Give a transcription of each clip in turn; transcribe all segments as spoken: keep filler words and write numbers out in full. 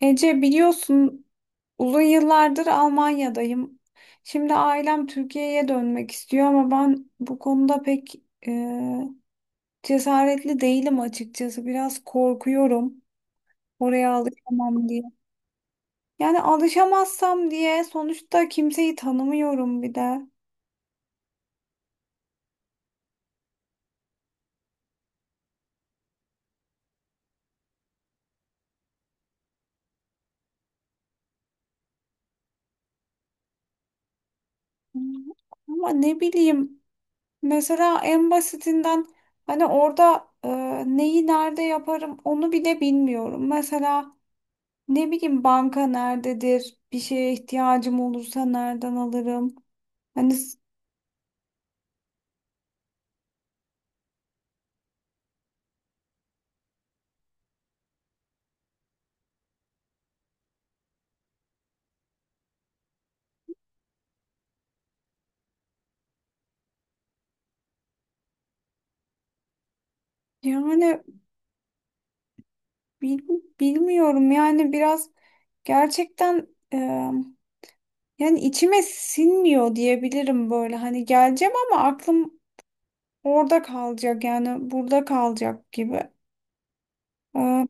Ece biliyorsun uzun yıllardır Almanya'dayım. Şimdi ailem Türkiye'ye dönmek istiyor ama ben bu konuda pek e, cesaretli değilim açıkçası. Biraz korkuyorum oraya alışamam diye. Yani alışamazsam diye sonuçta kimseyi tanımıyorum bir de. Ama ne bileyim mesela en basitinden hani orada e, neyi nerede yaparım onu bile bilmiyorum. Mesela ne bileyim banka nerededir? Bir şeye ihtiyacım olursa nereden alırım? Hani s- Yani bil- bilmiyorum yani biraz gerçekten e, yani içime sinmiyor diyebilirim böyle. Hani geleceğim ama aklım orada kalacak yani burada kalacak gibi. E,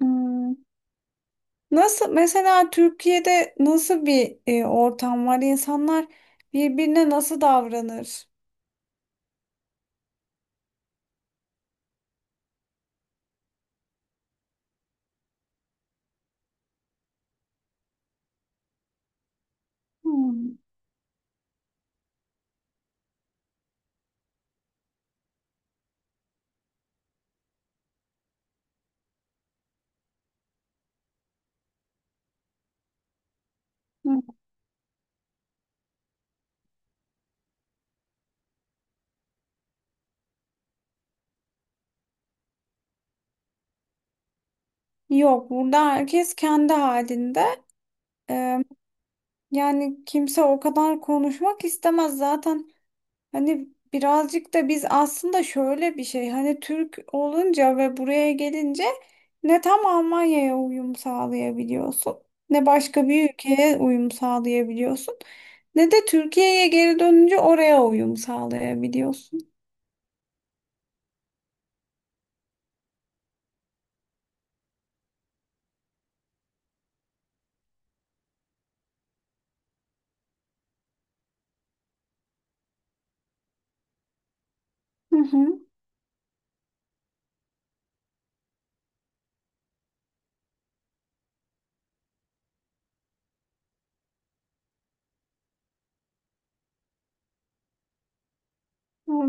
hmm, Nasıl, mesela Türkiye'de nasıl bir e, ortam var? İnsanlar birbirine nasıl davranır? Hmm. Yok, burada herkes kendi halinde. Ee, Yani kimse o kadar konuşmak istemez zaten. Hani birazcık da biz aslında şöyle bir şey. Hani Türk olunca ve buraya gelince ne tam Almanya'ya uyum sağlayabiliyorsun, ne başka bir ülkeye uyum sağlayabiliyorsun, ne de Türkiye'ye geri dönünce oraya uyum sağlayabiliyorsun. Hı hı.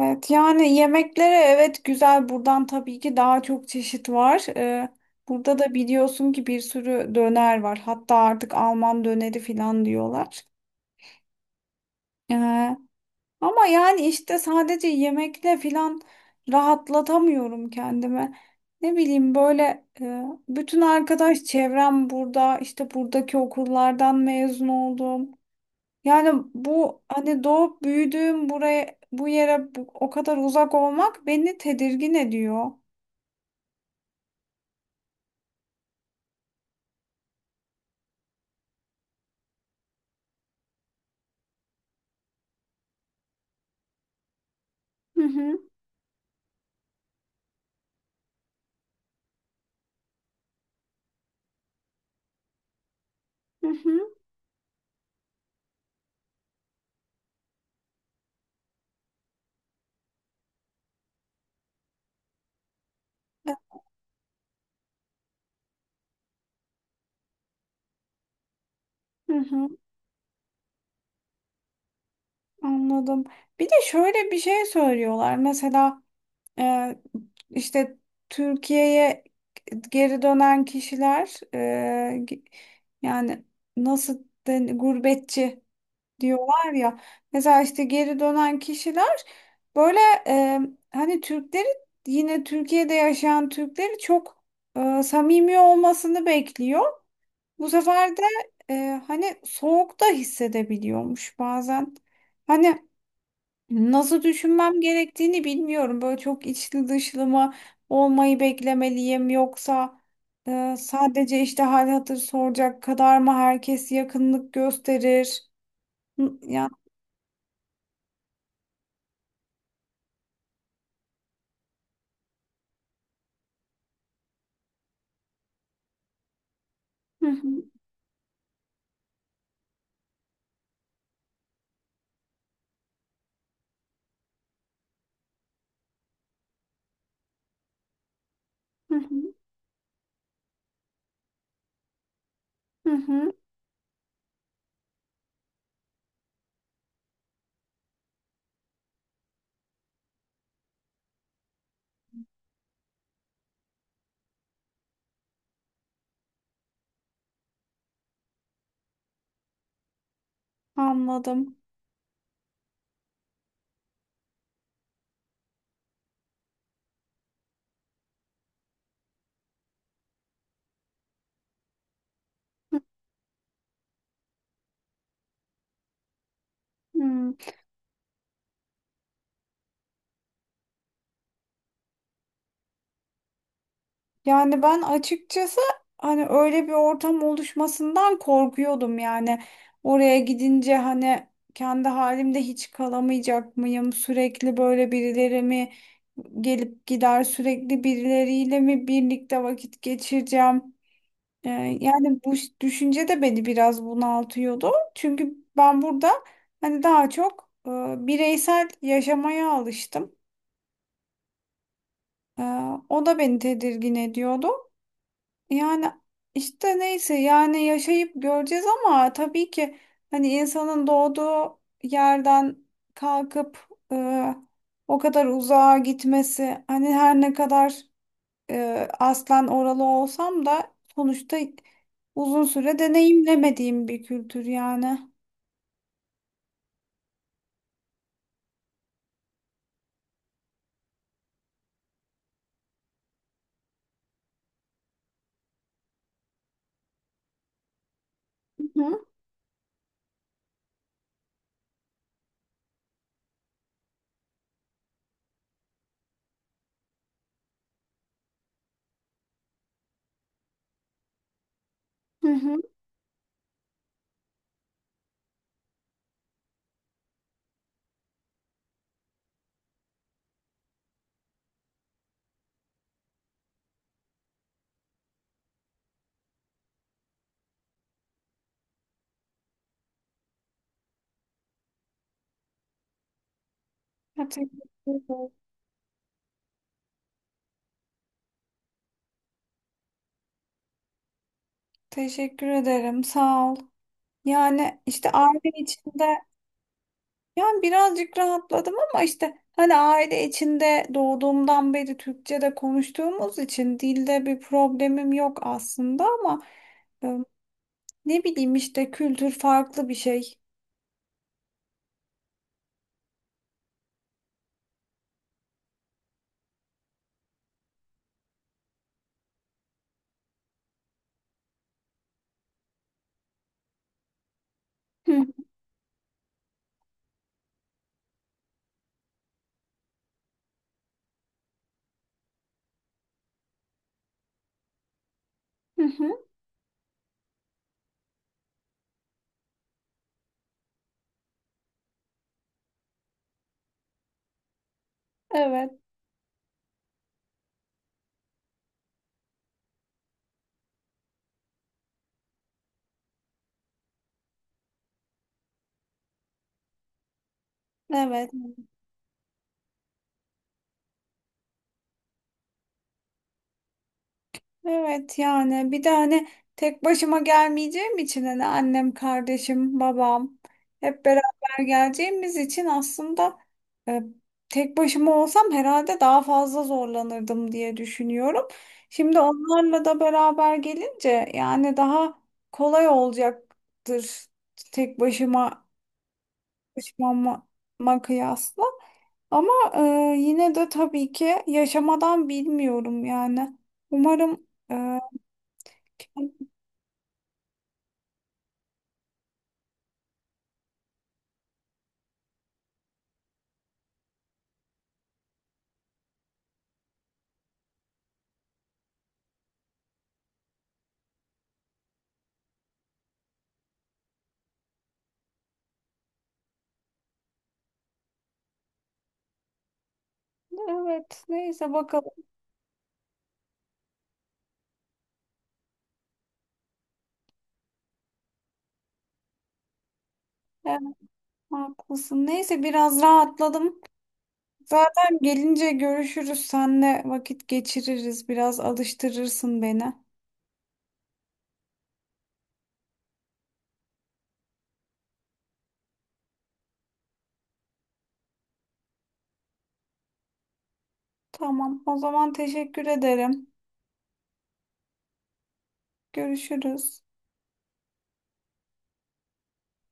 Evet, yani yemeklere, evet, güzel, buradan tabii ki daha çok çeşit var. Ee, burada da biliyorsun ki bir sürü döner var. Hatta artık Alman döneri falan diyorlar. Ee, Ama yani işte sadece yemekle falan rahatlatamıyorum kendimi. Ne bileyim böyle e, bütün arkadaş çevrem burada, işte buradaki okullardan mezun oldum. Yani bu hani doğup büyüdüğüm buraya, bu yere, bu- o kadar uzak olmak beni tedirgin ediyor. Hı hı, hı hı. E, hı hı. Anladım. Bir de şöyle bir şey söylüyorlar. Mesela e, işte Türkiye'ye geri dönen kişiler, e, yani nasıl den- gurbetçi diyorlar ya. Mesela işte geri dönen kişiler böyle e, hani Türkleri, yine Türkiye'de yaşayan Türkleri çok e, samimi olmasını bekliyor. Bu sefer de e, hani soğukta hissedebiliyormuş bazen. Hani nasıl düşünmem gerektiğini bilmiyorum. Böyle çok içli dışlı mı olmayı beklemeliyim, yoksa e, sadece işte hal hatır soracak kadar mı herkes yakınlık gösterir? Hı, ya. Hı hı. Hı hı, hı hı. Anladım. Hmm. Yani ben açıkçası hani öyle bir ortam oluşmasından korkuyordum yani. Oraya gidince hani kendi halimde hiç kalamayacak mıyım? Sürekli böyle birileri mi gelip gider, sürekli birileriyle mi birlikte vakit geçireceğim? Ee, Yani bu ş- düşünce de beni biraz bunaltıyordu. Çünkü ben burada hani daha çok e, bireysel yaşamaya alıştım. Ee, O da beni tedirgin ediyordu. Yani işte neyse, yani yaşayıp göreceğiz ama tabii ki hani insanın doğduğu yerden kalkıp e, o kadar uzağa gitmesi, hani her ne kadar e, aslen oralı olsam da sonuçta uzun süre deneyimlemediğim bir kültür yani. Hı hı. Hı. Ya, teşekkür ederim. Teşekkür ederim. Sağ ol. Yani işte aile içinde. Yani birazcık rahatladım ama işte hani aile içinde doğduğumdan beri Türkçe'de konuştuğumuz için dilde bir problemim yok aslında ama e, ne bileyim, işte kültür farklı bir şey. Hı hı. Hı. Evet, evet. Evet yani, bir de hani tek başıma gelmeyeceğim için, hani annem, kardeşim, babam hep beraber geleceğimiz için aslında e, tek başıma olsam herhalde daha fazla zorlanırdım diye düşünüyorum. Şimdi onlarla da beraber gelince yani daha kolay olacaktır, tek başıma başıma kıyasla. Ama e, yine de tabii ki yaşamadan bilmiyorum yani. Umarım e, Evet, neyse bakalım. Evet, haklısın. Neyse biraz rahatladım. Zaten gelince görüşürüz. Senle vakit geçiririz. Biraz alıştırırsın beni. Tamam, o zaman teşekkür ederim. Görüşürüz.